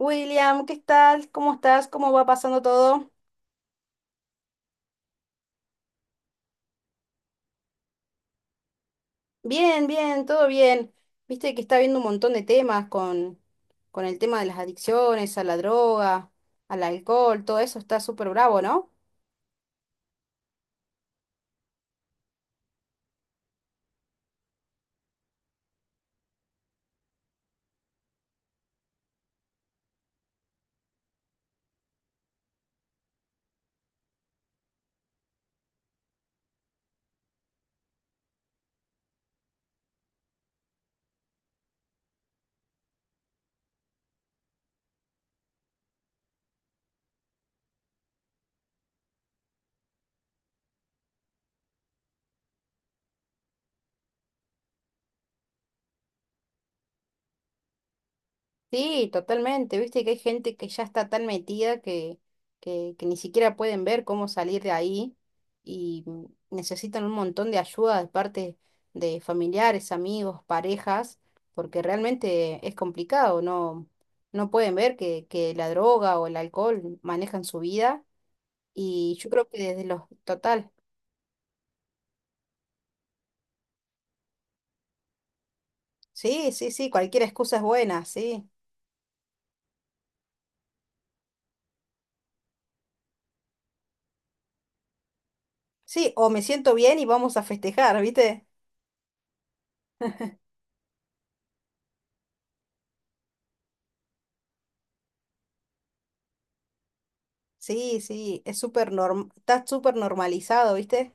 William, ¿qué tal? ¿Cómo estás? ¿Cómo va pasando todo? Bien, bien, todo bien. Viste que está viendo un montón de temas con el tema de las adicciones, a la droga, al alcohol, todo eso está súper bravo, ¿no? Sí, totalmente. Viste que hay gente que ya está tan metida que ni siquiera pueden ver cómo salir de ahí y necesitan un montón de ayuda de parte de familiares, amigos, parejas, porque realmente es complicado, no, no pueden ver que la droga o el alcohol manejan su vida y yo creo que desde los... Total. Sí, sí, sí, cualquier excusa es buena, sí. Sí, o me siento bien y vamos a festejar, ¿viste? Sí, sí, es súper norm, está súper normalizado, ¿viste?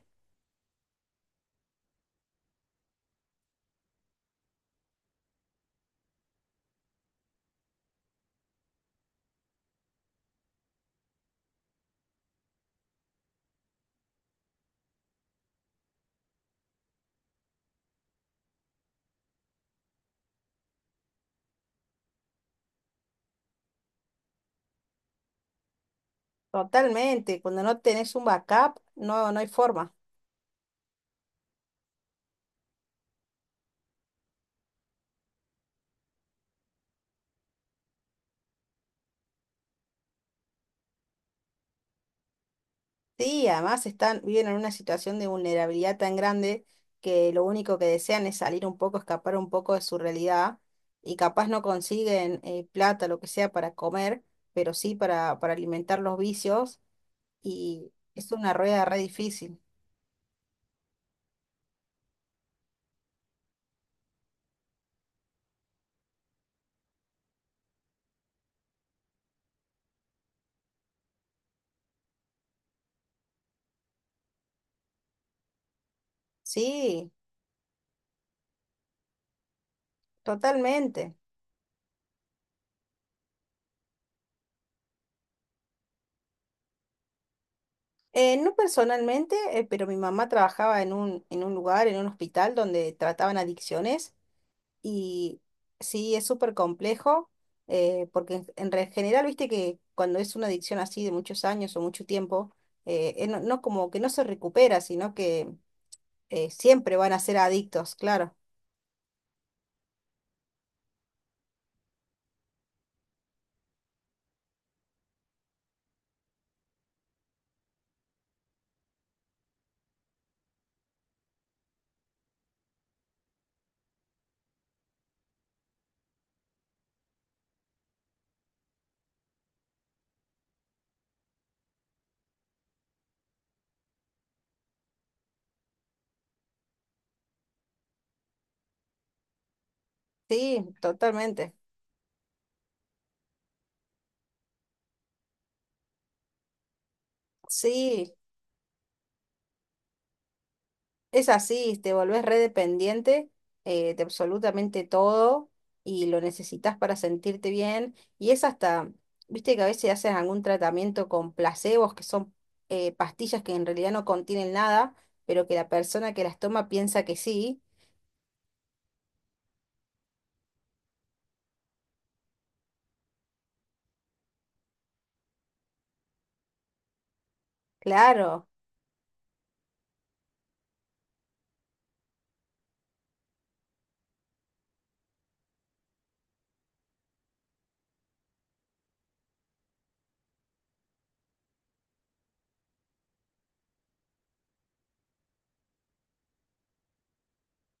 Totalmente. Cuando no tenés un backup, no, no hay forma. Sí, además están, viven en una situación de vulnerabilidad tan grande que lo único que desean es salir un poco, escapar un poco de su realidad y capaz no consiguen plata, lo que sea, para comer, pero sí para alimentar los vicios y es una rueda re difícil. Sí, totalmente. No personalmente, pero mi mamá trabajaba en un lugar, en un hospital donde trataban adicciones y sí, es súper complejo porque en re- general, viste que cuando es una adicción así de muchos años o mucho tiempo, no, no como que no se recupera, sino que siempre van a ser adictos, claro. Sí, totalmente. Sí. Es así, te volvés redependiente de absolutamente todo y lo necesitas para sentirte bien. Y es hasta, viste que a veces haces algún tratamiento con placebos, que son pastillas que en realidad no contienen nada, pero que la persona que las toma piensa que sí. Claro,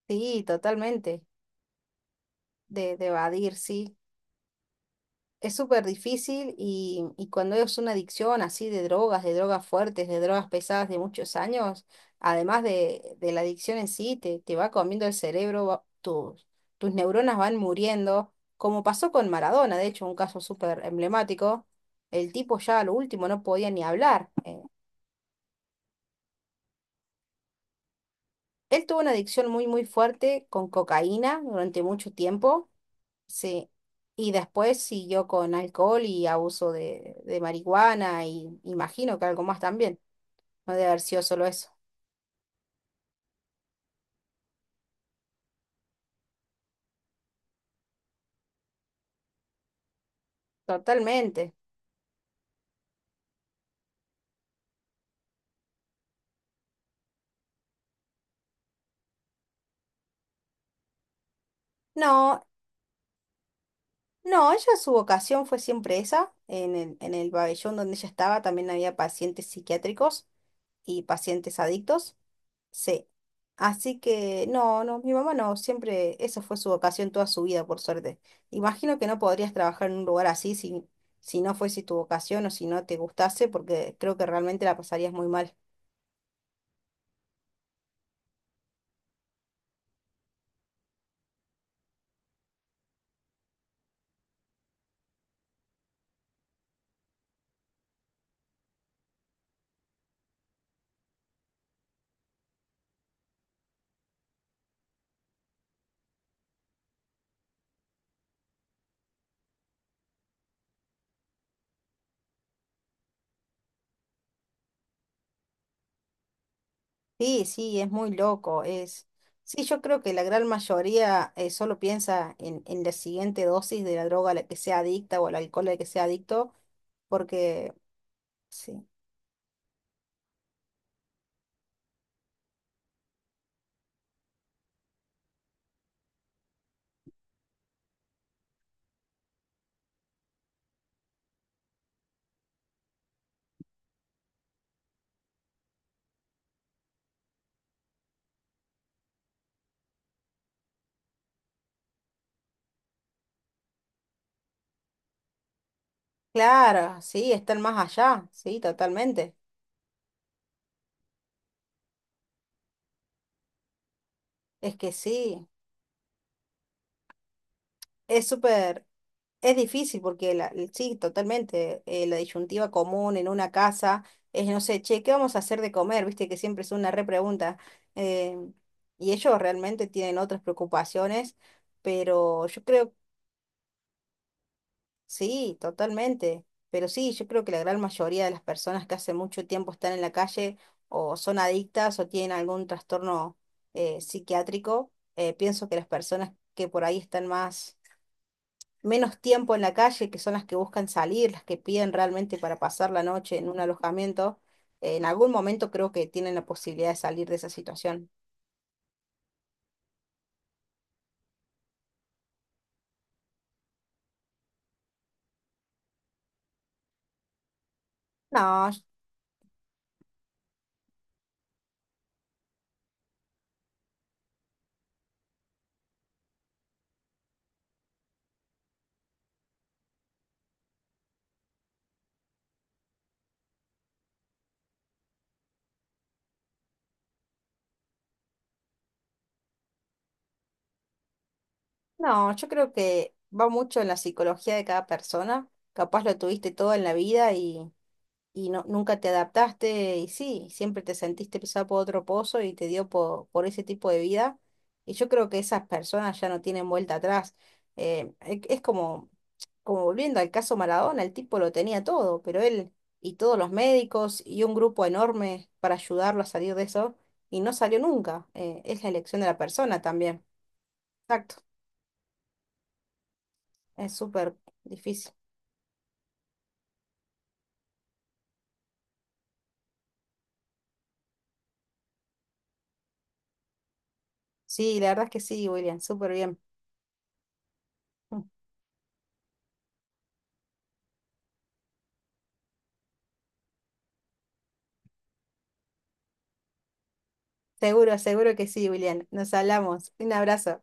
sí, totalmente. De evadir, sí. Es súper difícil y cuando es una adicción así de drogas fuertes, de drogas pesadas de muchos años, además de la adicción en sí, te va comiendo el cerebro, va- tus, tus neuronas van muriendo, como pasó con Maradona, de hecho, un caso súper emblemático. El tipo ya a lo último no podía ni hablar. Él tuvo una adicción muy, muy fuerte con cocaína durante mucho tiempo. Sí, y después siguió con alcohol y abuso de marihuana y imagino que algo más también. No debe haber sido solo eso. Totalmente. No, no, ella su vocación fue siempre esa. En el pabellón donde ella estaba también había pacientes psiquiátricos y pacientes adictos. Sí. Así que no, no, mi mamá no, siempre eso fue su vocación toda su vida, por suerte. Imagino que no podrías trabajar en un lugar así si, si no fuese tu vocación o si no te gustase, porque creo que realmente la pasarías muy mal. Sí, sí, es muy loco, es... Sí, yo creo que la gran mayoría solo piensa en la siguiente dosis de la droga a la que sea adicta o el alcohol al que sea adicto, porque sí. Claro, sí, están más allá, sí, totalmente. Es que sí, es súper... Es difícil porque la, sí, totalmente. La disyuntiva común en una casa es, no sé, che, ¿qué vamos a hacer de comer? Viste que siempre es una repregunta. eh, y ellos realmente tienen otras preocupaciones, pero yo creo, sí, totalmente. Pero sí, yo creo que la gran mayoría de las personas que hace mucho tiempo están en la calle o son adictas o tienen algún trastorno psiquiátrico, pienso que las personas que por ahí están más menos tiempo en la calle, que son las que buscan salir, las que piden realmente para pasar la noche en un alojamiento, en algún momento creo que tienen la posibilidad de salir de esa situación. No, yo- no, yo creo que va mucho en la psicología de cada persona. Capaz lo tuviste todo en la vida y no, nunca te adaptaste y sí, siempre te sentiste pisado por otro pozo y te dio por ese tipo de vida. Y yo creo que esas personas ya no tienen vuelta atrás. Es como como volviendo al caso Maradona, el tipo lo tenía todo, pero él y todos los médicos y un grupo enorme para ayudarlo a salir de eso, y no salió nunca. Es la elección de la persona también. Exacto, es súper difícil. Sí, la verdad es que sí, William, súper bien. Mm. Seguro, seguro que sí, William. Nos hablamos. Un abrazo.